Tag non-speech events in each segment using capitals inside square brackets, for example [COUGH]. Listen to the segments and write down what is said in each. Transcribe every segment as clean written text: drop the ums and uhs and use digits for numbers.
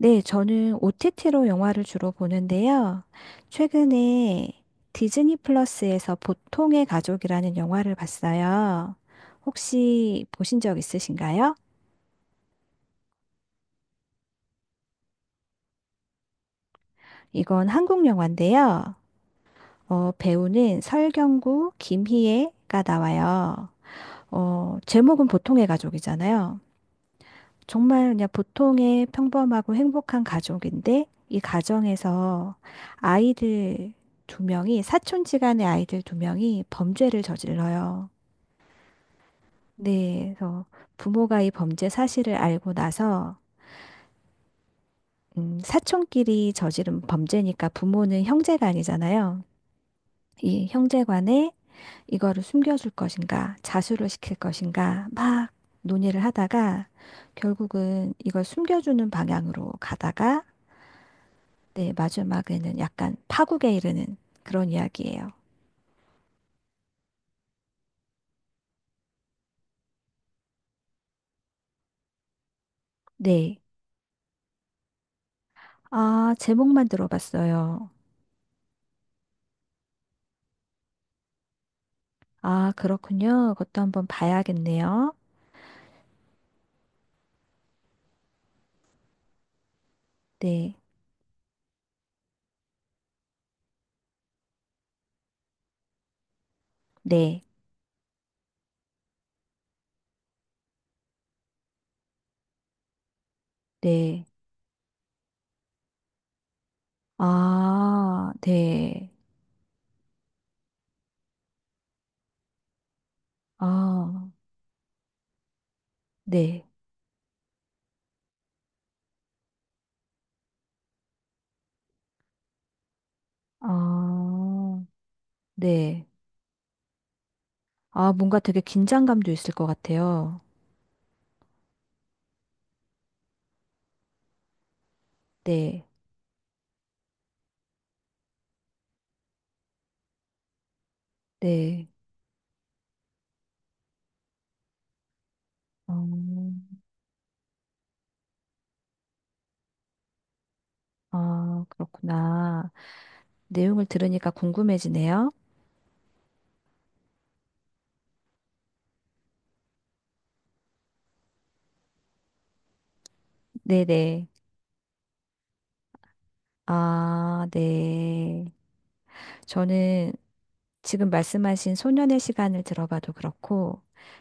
네, 저는 OTT로 영화를 주로 보는데요. 최근에 디즈니 플러스에서 보통의 가족이라는 영화를 봤어요. 혹시 보신 적 있으신가요? 이건 한국 영화인데요. 배우는 설경구, 김희애가 나와요. 제목은 보통의 가족이잖아요. 정말 그냥 보통의 평범하고 행복한 가족인데 이 가정에서 아이들 두 명이 사촌지간의 아이들 두 명이 범죄를 저질러요. 네, 그래서 부모가 이 범죄 사실을 알고 나서 사촌끼리 저지른 범죄니까 부모는 형제간이잖아요. 이 형제간에 이거를 숨겨줄 것인가, 자수를 시킬 것인가 막 논의를 하다가 결국은 이걸 숨겨주는 방향으로 가다가 네, 마지막에는 약간 파국에 이르는 그런 이야기예요. 네. 아, 제목만 들어봤어요. 아, 그렇군요. 그것도 한번 봐야겠네요. 네, 네, 네. 아, 네. 아, 네. 아, 네. 아, 뭔가 되게 긴장감도 있을 것 같아요. 네, 네. 어, 아, 그렇구나. 내용을 들으니까 궁금해지네요. 네네. 아, 네. 저는 지금 말씀하신 소년의 시간을 들어봐도 그렇고,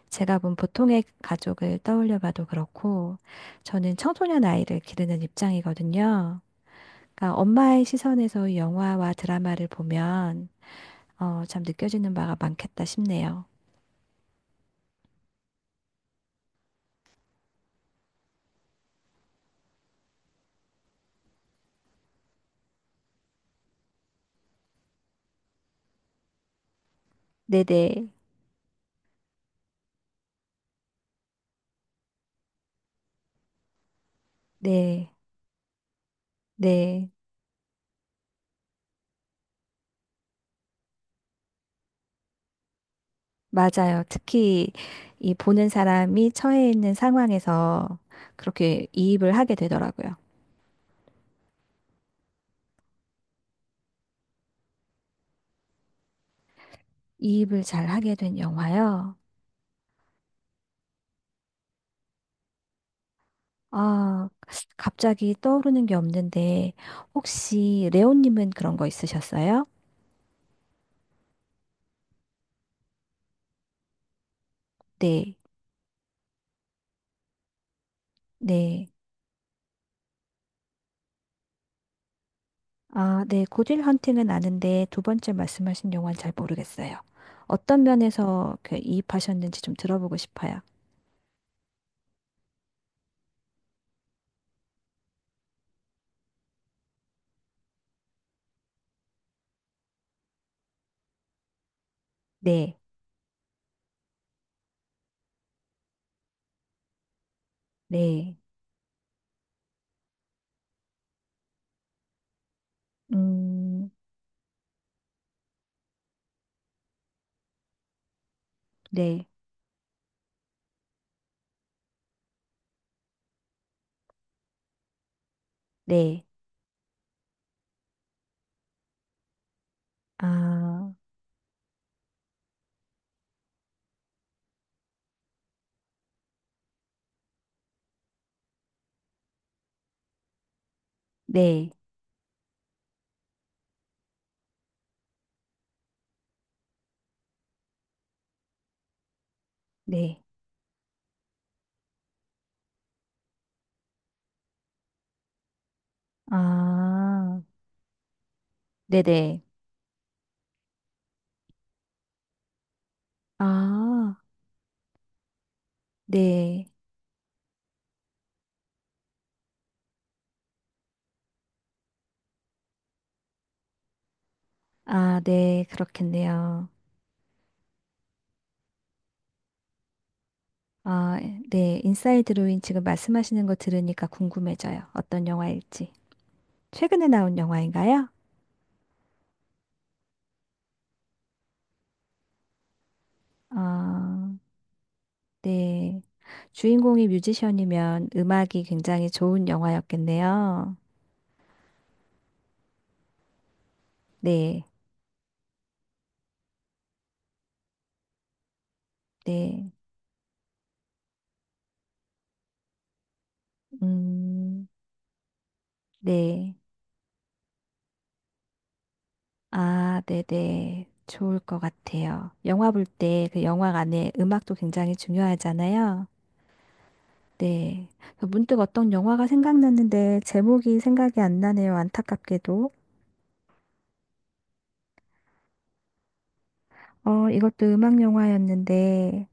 제가 본 보통의 가족을 떠올려봐도 그렇고, 저는 청소년 아이를 기르는 입장이거든요. 그러니까 엄마의 시선에서 이 영화와 드라마를 보면, 참 느껴지는 바가 많겠다 싶네요. 네네, 네, 네, 네. 맞아요. 특히 이 보는 사람이 처해 있는 상황에서 그렇게 이입을 하게 되더라고요. 이입을 잘 하게 된 영화요. 아, 갑자기 떠오르는 게 없는데, 혹시 레오님은 그런 거 있으셨어요? 네, 네. 아, 네. 고딜 헌팅은 아는데 두 번째 말씀하신 영화는 잘 모르겠어요. 어떤 면에서 그 이입하셨는지 좀 들어보고 싶어요. 네, 네. 음, 네, 네. 아, 네, 네. 아, 네네. 아, 네. 아, 네. 그렇겠네요. 아, 네. 인사이드 로인 지금 말씀하시는 거 들으니까 궁금해져요. 어떤 영화일지. 최근에 나온 영화인가요? 아, 네. 주인공이 뮤지션이면 음악이 굉장히 좋은 영화였겠네요. 네. 네. 음, 네. 아, 네네. 좋을 것 같아요. 영화 볼 때 그 영화 안에 음악도 굉장히 중요하잖아요. 네. 문득 어떤 영화가 생각났는데 제목이 생각이 안 나네요. 안타깝게도. 이것도 음악 영화였는데,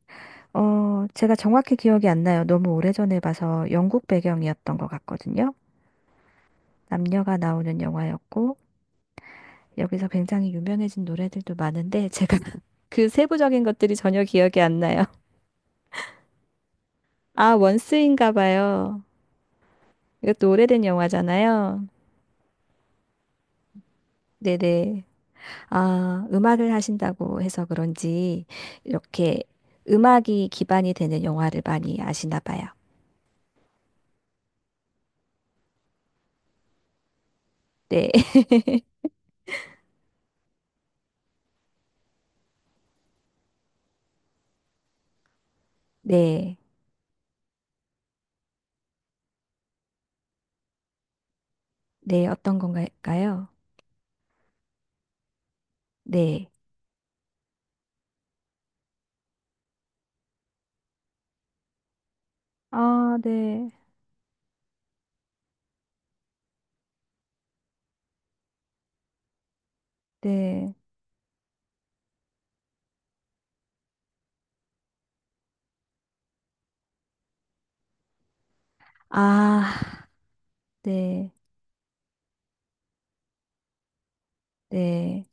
제가 정확히 기억이 안 나요. 너무 오래전에 봐서 영국 배경이었던 것 같거든요. 남녀가 나오는 영화였고, 여기서 굉장히 유명해진 노래들도 많은데, 제가 [LAUGHS] 그 세부적인 것들이 전혀 기억이 안 나요. 아, 원스인가 봐요. 이것도 오래된 영화잖아요. 네네. 아, 음악을 하신다고 해서 그런지, 이렇게 음악이 기반이 되는 영화를 많이 아시나 봐요. 네. [LAUGHS] 네. 네, 어떤 건가요? 네. 아, 네, 네, 아, 네, 네,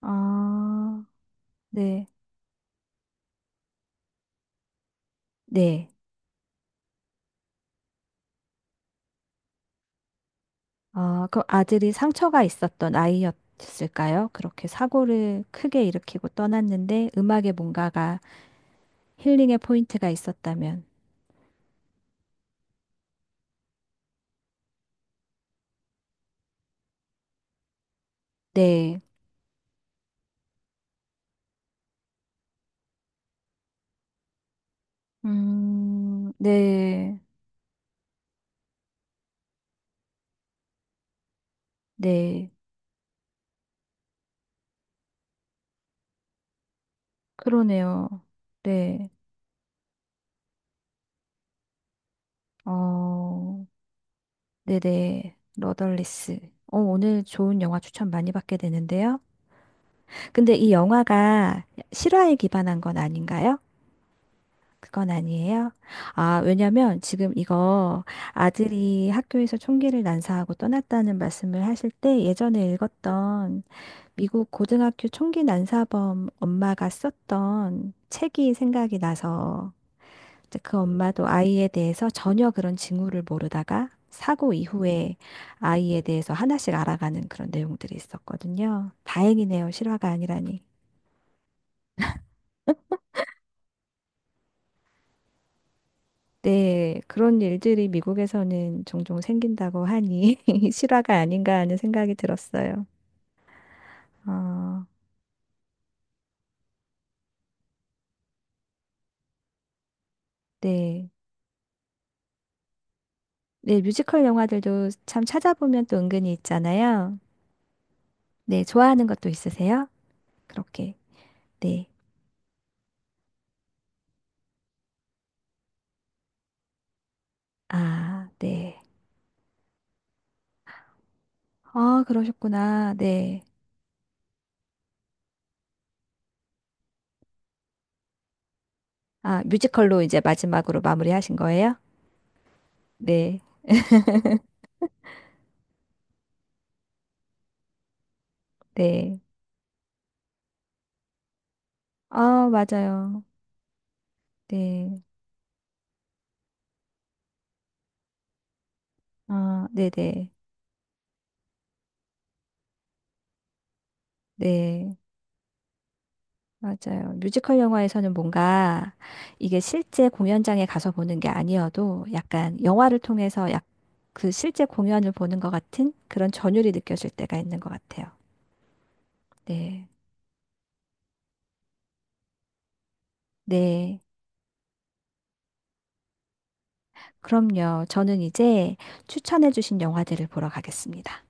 아, 네. 네. 아, 그럼 아들이 상처가 있었던 아이였을까요? 그렇게 사고를 크게 일으키고 떠났는데 음악에 뭔가가 힐링의 포인트가 있었다면. 네, 네, 네, 그러네요. 네, 어, 네네. 러덜리스. 오늘 좋은 영화 추천 많이 받게 되는데요. 근데 이 영화가 실화에 기반한 건 아닌가요? 그건 아니에요. 아, 왜냐면 지금 이거 아들이 학교에서 총기를 난사하고 떠났다는 말씀을 하실 때 예전에 읽었던 미국 고등학교 총기 난사범 엄마가 썼던 책이 생각이 나서 이제 그 엄마도 아이에 대해서 전혀 그런 징후를 모르다가 사고 이후에 아이에 대해서 하나씩 알아가는 그런 내용들이 있었거든요. 다행이네요. 실화가 아니라니. 네, 그런 일들이 미국에서는 종종 생긴다고 하니 [LAUGHS] 실화가 아닌가 하는 생각이 들었어요. 어, 네. 네, 뮤지컬 영화들도 참 찾아보면 또 은근히 있잖아요. 네, 좋아하는 것도 있으세요? 그렇게. 네. 아, 네. 아, 그러셨구나. 네. 아, 뮤지컬로 이제 마지막으로 마무리하신 거예요? 네. 네. 아, 맞아요. 네. 아, 네네. 네. 네. 맞아요. 뮤지컬 영화에서는 뭔가 이게 실제 공연장에 가서 보는 게 아니어도 약간 영화를 통해서 약 그 실제 공연을 보는 것 같은 그런 전율이 느껴질 때가 있는 것 같아요. 네. 네. 그럼요. 저는 이제 추천해주신 영화들을 보러 가겠습니다.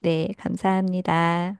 네. 감사합니다.